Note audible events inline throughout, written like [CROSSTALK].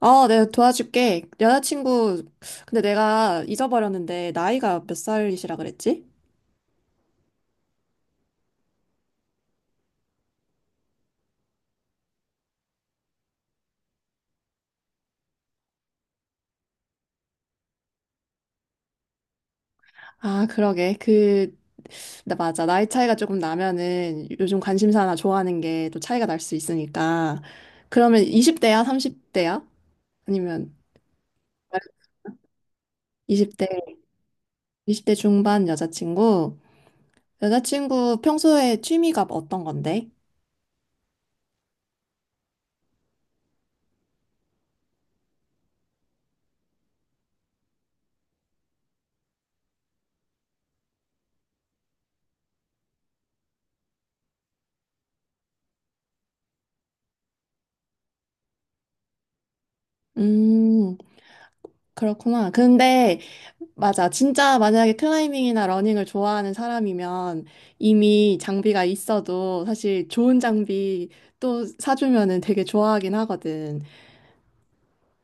어, 내가 도와줄게. 여자친구, 근데 내가 잊어버렸는데, 나이가 몇 살이시라 그랬지? 아, 그러게. 그, 나 맞아. 나이 차이가 조금 나면은 요즘 관심사나 좋아하는 게 또 차이가 날 수 있으니까. 그러면 20대야? 30대야? 아니면 이십 대 20대 중반 여자친구? 여자친구 평소에 취미가 어떤 건데? 음, 그렇구나. 근데 맞아. 진짜 만약에 클라이밍이나 러닝을 좋아하는 사람이면 이미 장비가 있어도 사실 좋은 장비 또 사주면은 되게 좋아하긴 하거든.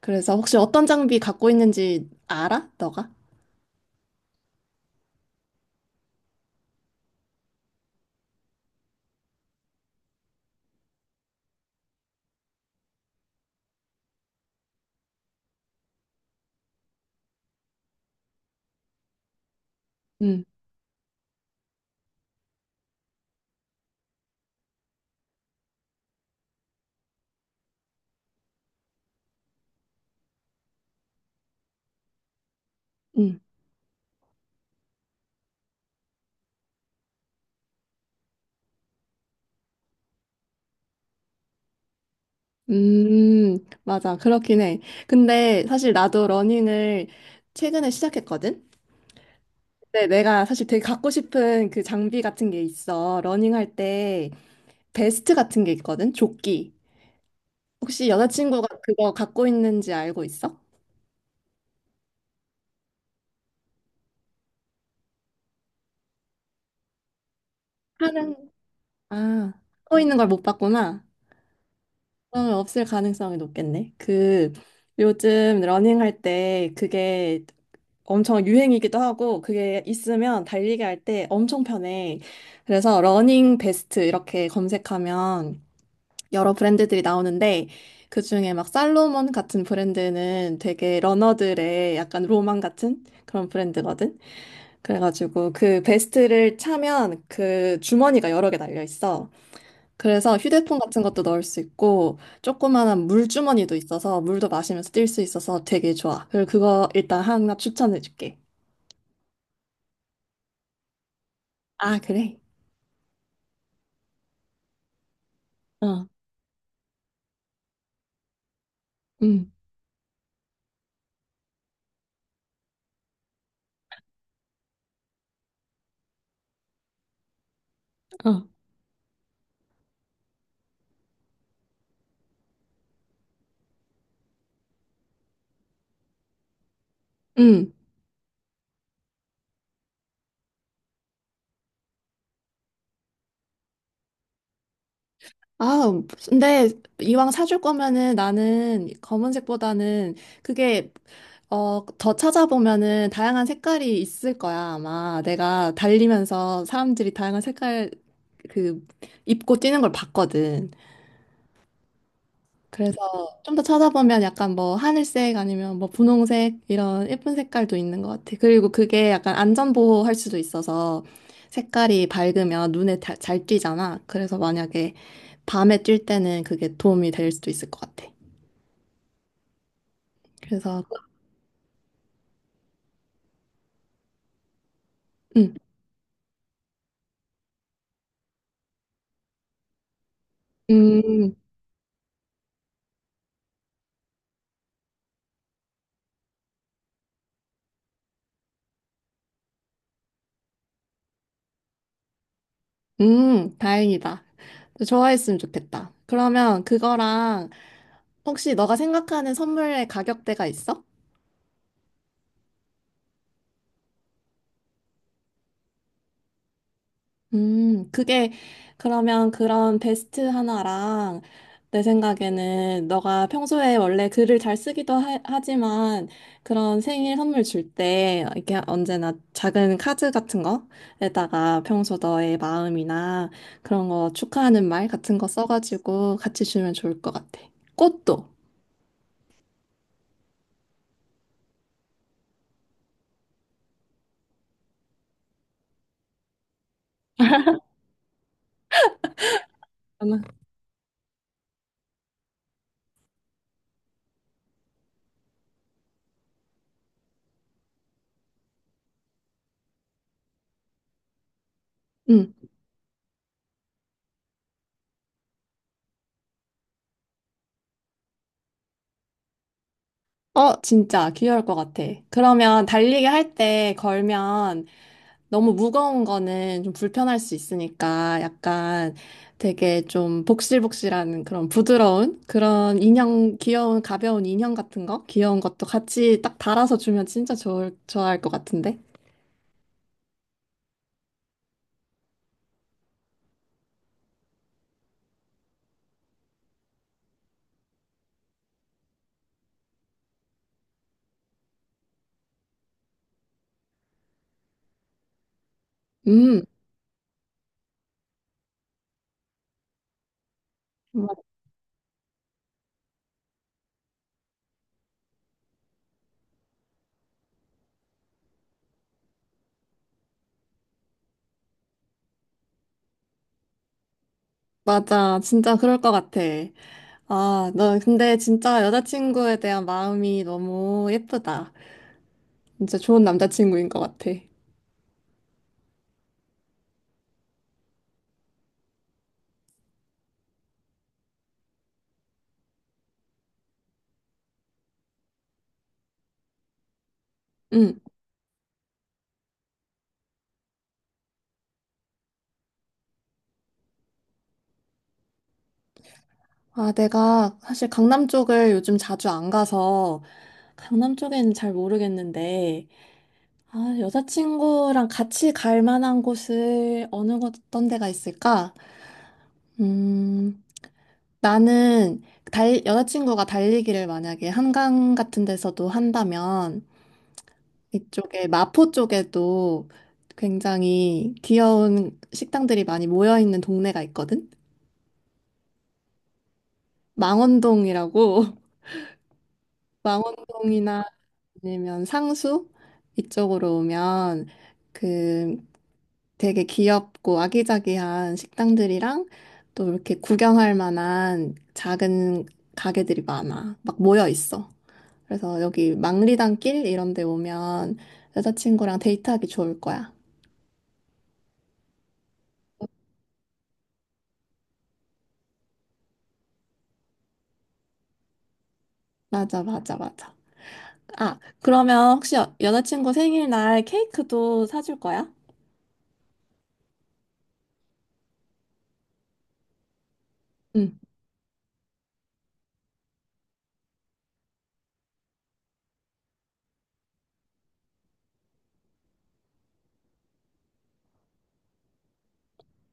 그래서 혹시 어떤 장비 갖고 있는지 알아? 너가? 응, 응. 음, 맞아. 그렇긴 해. 근데 사실 나도 러닝을 최근에 시작했거든? 근데 내가 사실 되게 갖고 싶은 그 장비 같은 게 있어. 러닝할 때 베스트 같은 게 있거든? 조끼. 혹시 여자친구가 그거 갖고 있는지 알고 있어? 하는, 아, 갖고 있는 걸 못 봤구나. 그러면 없을 가능성이 높겠네. 그, 요즘 러닝할 때 그게 엄청 유행이기도 하고, 그게 있으면 달리기 할 때 엄청 편해. 그래서 러닝 베스트 이렇게 검색하면 여러 브랜드들이 나오는데, 그 중에 막 살로몬 같은 브랜드는 되게 러너들의 약간 로망 같은 그런 브랜드거든. 그래가지고 그 베스트를 차면 그 주머니가 여러 개 달려 있어. 그래서 휴대폰 같은 것도 넣을 수 있고 조그만한 물주머니도 있어서 물도 마시면서 뛸 수 있어서 되게 좋아. 그리고 그거 일단 하나 추천해 줄게. 아, 그래? 어. 응. 어. 응. 아, 근데 이왕 사줄 거면은 나는 검은색보다는 그게 더 찾아보면은 다양한 색깔이 있을 거야, 아마. 내가 달리면서 사람들이 다양한 색깔 그 입고 뛰는 걸 봤거든. 그래서 좀 더 찾아보면 약간 뭐 하늘색 아니면 뭐 분홍색 이런 예쁜 색깔도 있는 것 같아. 그리고 그게 약간 안전보호 할 수도 있어서 색깔이 밝으면 눈에 다- 잘 띄잖아. 그래서 만약에 밤에 뛸 때는 그게 도움이 될 수도 있을 것 같아. 그래서 음, 음, 다행이다. 좋아했으면 좋겠다. 그러면 그거랑 혹시 너가 생각하는 선물의 가격대가 있어? 그게 그러면 그런 베스트 하나랑 내 생각에는 너가 평소에 원래 글을 잘 쓰기도 하지만 그런 생일 선물 줄 때 이렇게 언제나 작은 카드 같은 거에다가 평소 너의 마음이나 그런 거 축하하는 말 같은 거 써가지고 같이 주면 좋을 것 같아. 꽃도. 응. 어, 진짜 귀여울 것 같아. 그러면 달리기 할 때 걸면 너무 무거운 거는 좀 불편할 수 있으니까 약간 되게 좀 복실복실한 그런 부드러운 그런 인형, 귀여운 가벼운 인형 같은 거, 귀여운 것도 같이 딱 달아서 주면 진짜 좋아할 것 같은데. 음, 마- 맞아. 진짜 그럴 것 같아. 아, 너 근데 진짜 여자친구에 대한 마음이 너무 예쁘다. 진짜 좋은 남자친구인 것 같아. 음. 아, 내가 사실 강남 쪽을 요즘 자주 안 가서 강남 쪽에는 잘 모르겠는데, 아, 여자친구랑 같이 갈 만한 곳을 어떤 데가 있을까? 음, 나는 여자친구가 달리기를 만약에 한강 같은 데서도 한다면 이쪽에 마포 쪽에도 굉장히 귀여운 식당들이 많이 모여 있는 동네가 있거든? 망원동이라고. [LAUGHS] 망원동이나 아니면 상수 이쪽으로 오면 그 되게 귀엽고 아기자기한 식당들이랑 또 이렇게 구경할 만한 작은 가게들이 많아. 막 모여 있어. 그래서 여기 망리단길 이런 데 오면 여자친구랑 데이트하기 좋을 거야. 맞아. 아, 그러면 혹시 여자친구 생일날 케이크도 사줄 거야? 응.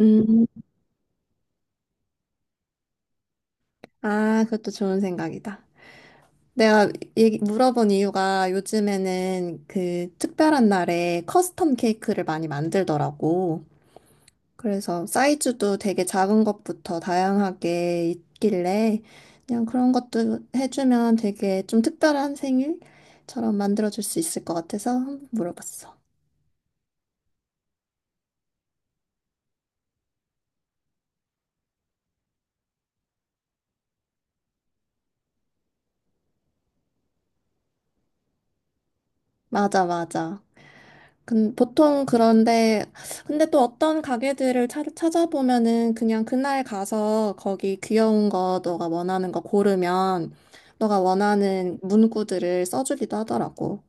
음, 아, 그것도 좋은 생각이다. 내가 물어본 이유가 요즘에는 그 특별한 날에 커스텀 케이크를 많이 만들더라고. 그래서 사이즈도 되게 작은 것부터 다양하게 있길래 그냥 그런 것도 해주면 되게 좀 특별한 생일처럼 만들어줄 수 있을 것 같아서 한번 물어봤어. 맞아. 보통 그런데, 근데 또 어떤 가게들을 찾아보면은 그냥 그날 가서 거기 귀여운 거, 너가 원하는 거 고르면 너가 원하는 문구들을 써주기도 하더라고.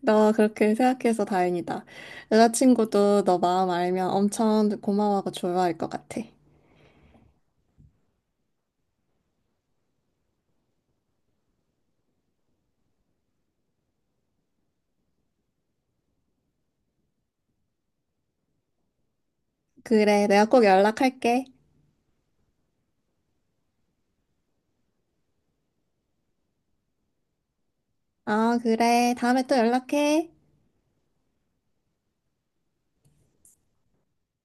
너 그렇게 생각해서 다행이다. 여자친구도 너 마음 알면 엄청 고마워하고 좋아할 것 같아. 그래, 내가 꼭 연락할게. 아, 그래. 다음에 또 연락해.